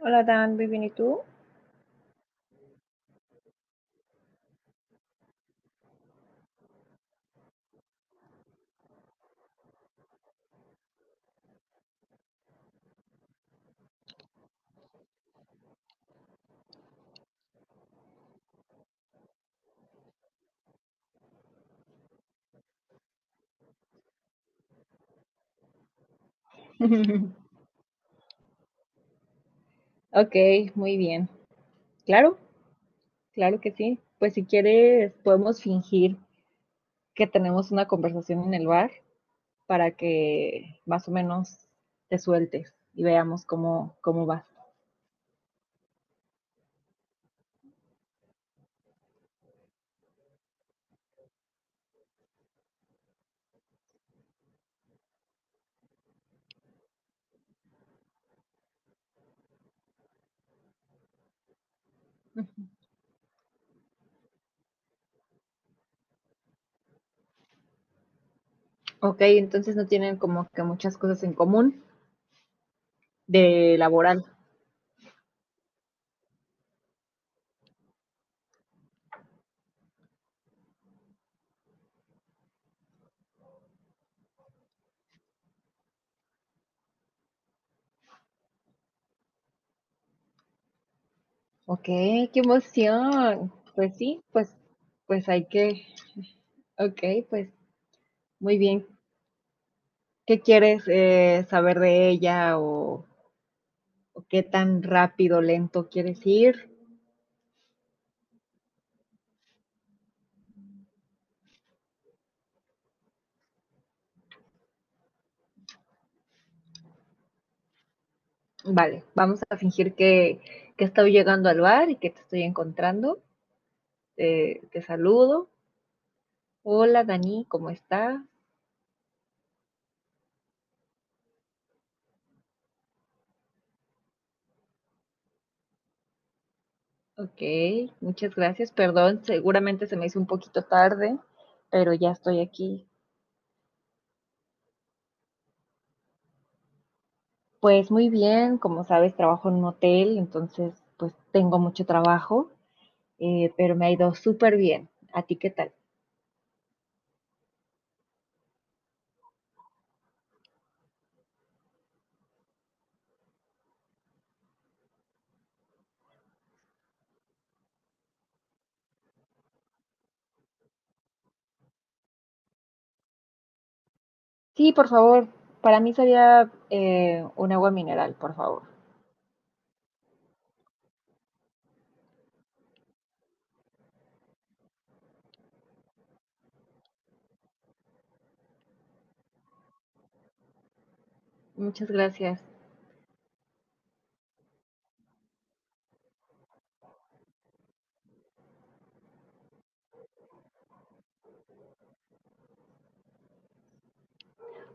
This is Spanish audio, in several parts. Hola Dan, muy bien, ¿y tú? Ok, muy bien. Claro, claro que sí. Pues si quieres, podemos fingir que tenemos una conversación en el bar para que más o menos te sueltes y veamos cómo vas. Ok, entonces no tienen como que muchas cosas en común de laboral. Ok, qué emoción. Pues sí, pues, pues hay que. Ok, pues muy bien. ¿Qué quieres saber de ella o qué tan rápido, lento quieres ir. Vale, vamos a fingir que estoy llegando al bar y que te estoy encontrando. Te saludo. Hola Dani, ¿cómo estás? Ok, muchas gracias. Perdón, seguramente se me hizo un poquito tarde, pero ya estoy aquí. Pues muy bien, como sabes, trabajo en un hotel, entonces pues tengo mucho trabajo, pero me ha ido súper bien. ¿A ti qué tal? Sí, por favor, para mí sería un agua mineral, por favor. Muchas gracias.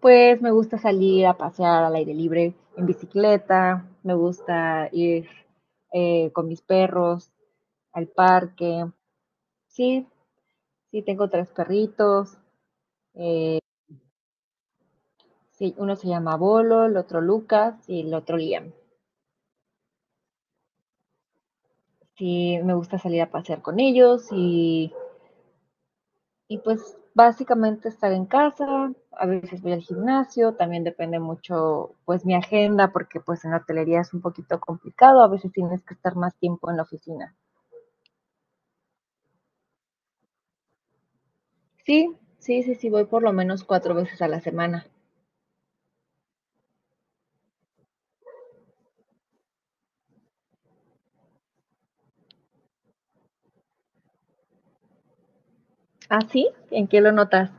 Pues me gusta salir a pasear al aire libre en bicicleta, me gusta ir con mis perros al parque. Sí, sí, tengo tres perritos. Sí, uno se llama Bolo, el otro Lucas y el otro Liam. Sí, me gusta salir a pasear con ellos y pues básicamente estar en casa, a veces voy al gimnasio, también depende mucho pues mi agenda, porque pues en la hotelería es un poquito complicado, a veces tienes que estar más tiempo en la oficina. Sí, sí, sí, sí, voy por lo menos cuatro veces a la semana. ¿Ah, sí? ¿En qué lo notas?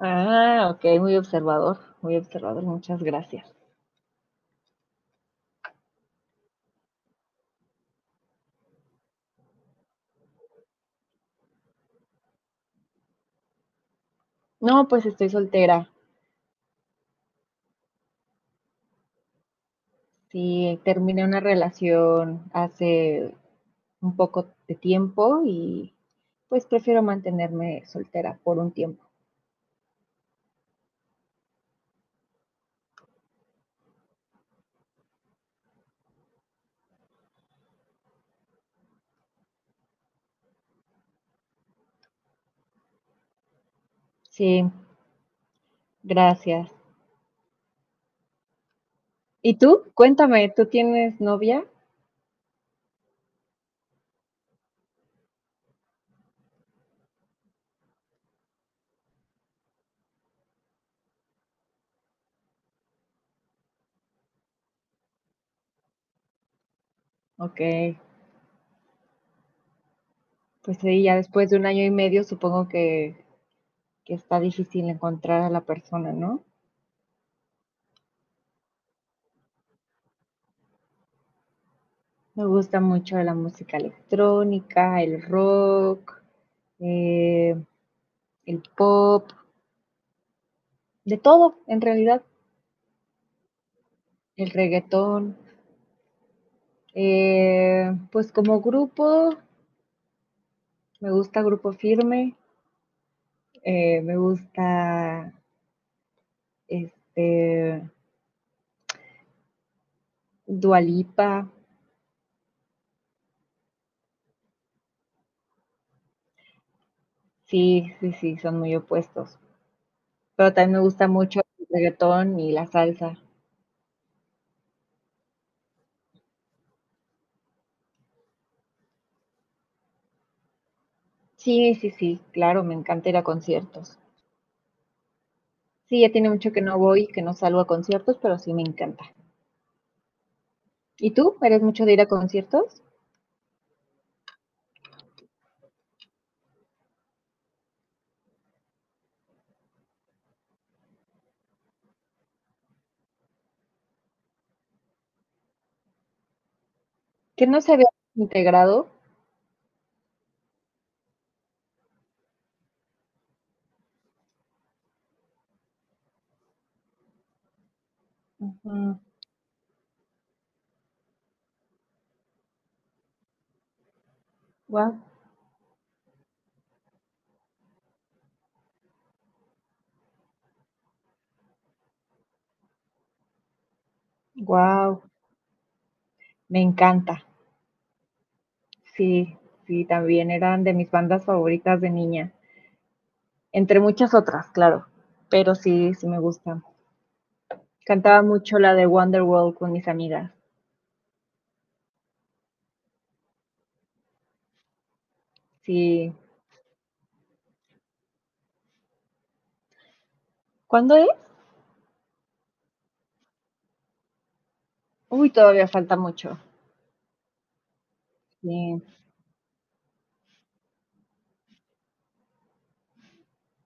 Ah, ok, muy observador, muchas gracias. No, pues estoy soltera. Sí, terminé una relación hace un poco de tiempo y pues prefiero mantenerme soltera por un tiempo. Sí, gracias. ¿Y tú? Cuéntame, ¿tú tienes novia? Ok, pues sí, ya después de un año y medio supongo que está difícil encontrar a la persona, ¿no? Me gusta mucho la música electrónica, el rock, eh, el pop, de todo en realidad, el reggaetón. Pues como grupo, me gusta Grupo Firme, me gusta este Dualipa. Sí, sí, sí, son muy opuestos. Pero también me gusta mucho el reggaetón y la salsa. Sí, sí, sí, claro, me encanta ir a conciertos. Sí, ya tiene mucho que no voy, que no salgo a conciertos, pero sí me encanta. ¿Y tú? ¿Eres mucho de ir a conciertos? Que no se había integrado. Wow, wow, me encanta. Sí, sí, también eran de mis bandas favoritas de niña, entre muchas otras, claro, pero sí, sí me gusta. Cantaba mucho la de Wonderworld con mis amigas. Sí. ¿Cuándo es? Uy, todavía falta mucho. Sí.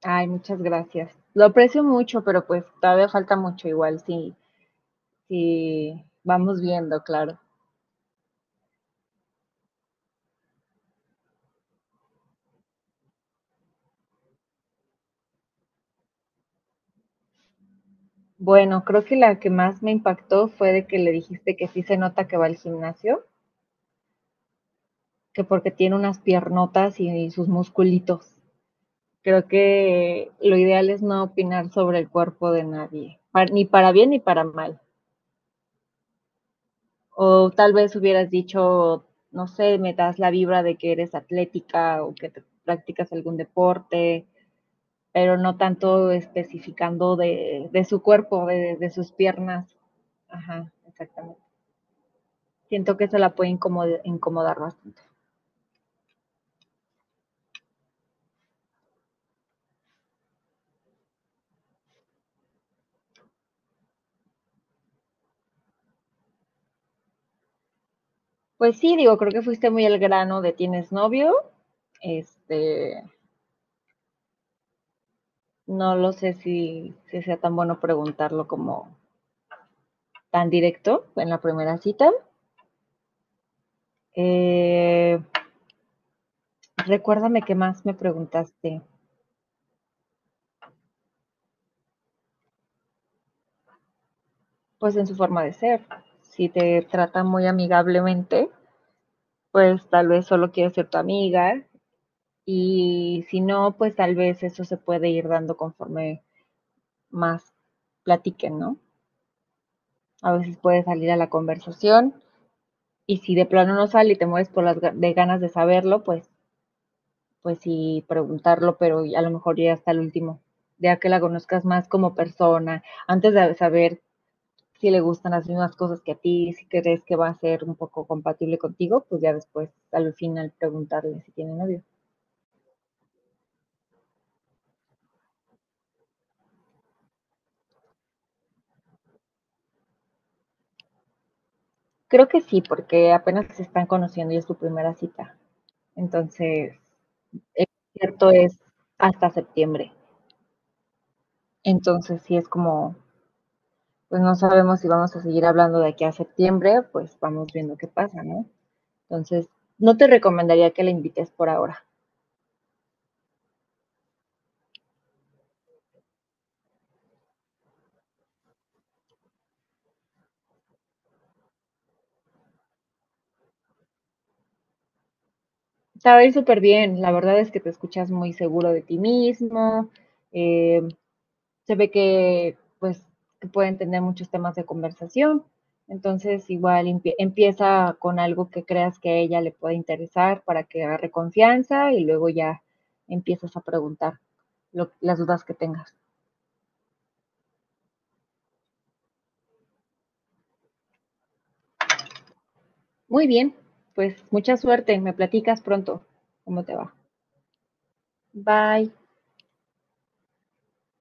Ay, muchas gracias. Lo aprecio mucho, pero pues todavía falta mucho igual, sí. Sí, vamos viendo, claro. Bueno, creo que la que más me impactó fue de que le dijiste que sí se nota que va al gimnasio, que porque tiene unas piernotas y sus musculitos. Creo que lo ideal es no opinar sobre el cuerpo de nadie, par- ni para bien ni para mal. O tal vez hubieras dicho, no sé, me das la vibra de que eres atlética o que te practicas algún deporte, pero no tanto especificando de su cuerpo, de sus piernas. Ajá, exactamente. Siento que eso la puede incomod- incomodar bastante. Pues sí, digo, creo que fuiste muy el grano de tienes novio, este, no lo sé si sea tan bueno preguntarlo como tan directo en la primera cita. Eh, recuérdame qué más me preguntaste. Pues en su forma de ser. Si te trata muy amigablemente, pues tal vez solo quiere ser tu amiga. Y si no, pues tal vez eso se puede ir dando conforme más platiquen, ¿no? A veces puede salir a la conversación. Y si de plano no sale y te mueres por las de ganas de saberlo, pues pues sí, preguntarlo, pero a lo mejor ya hasta el último, ya que la conozcas más como persona, antes de saber si le gustan las mismas cosas que a ti, si crees que va a ser un poco compatible contigo, pues ya después al final preguntarle si tiene novio. Creo que sí, porque apenas se están conociendo y es su primera cita. Entonces, el cierto es hasta septiembre. Entonces, sí es como, pues no sabemos si vamos a seguir hablando de aquí a septiembre, pues vamos viendo qué pasa, ¿no? Entonces, no te recomendaría que la invites por ahora. Te va a ir súper bien, la verdad es que te escuchas muy seguro de ti mismo, eh, se ve que pues que pueden tener muchos temas de conversación, entonces igual empieza con algo que creas que a ella le pueda interesar para que agarre confianza y luego ya empiezas a preguntar lo, las dudas que tengas. Muy bien, pues mucha suerte, me platicas pronto cómo te va. Bye.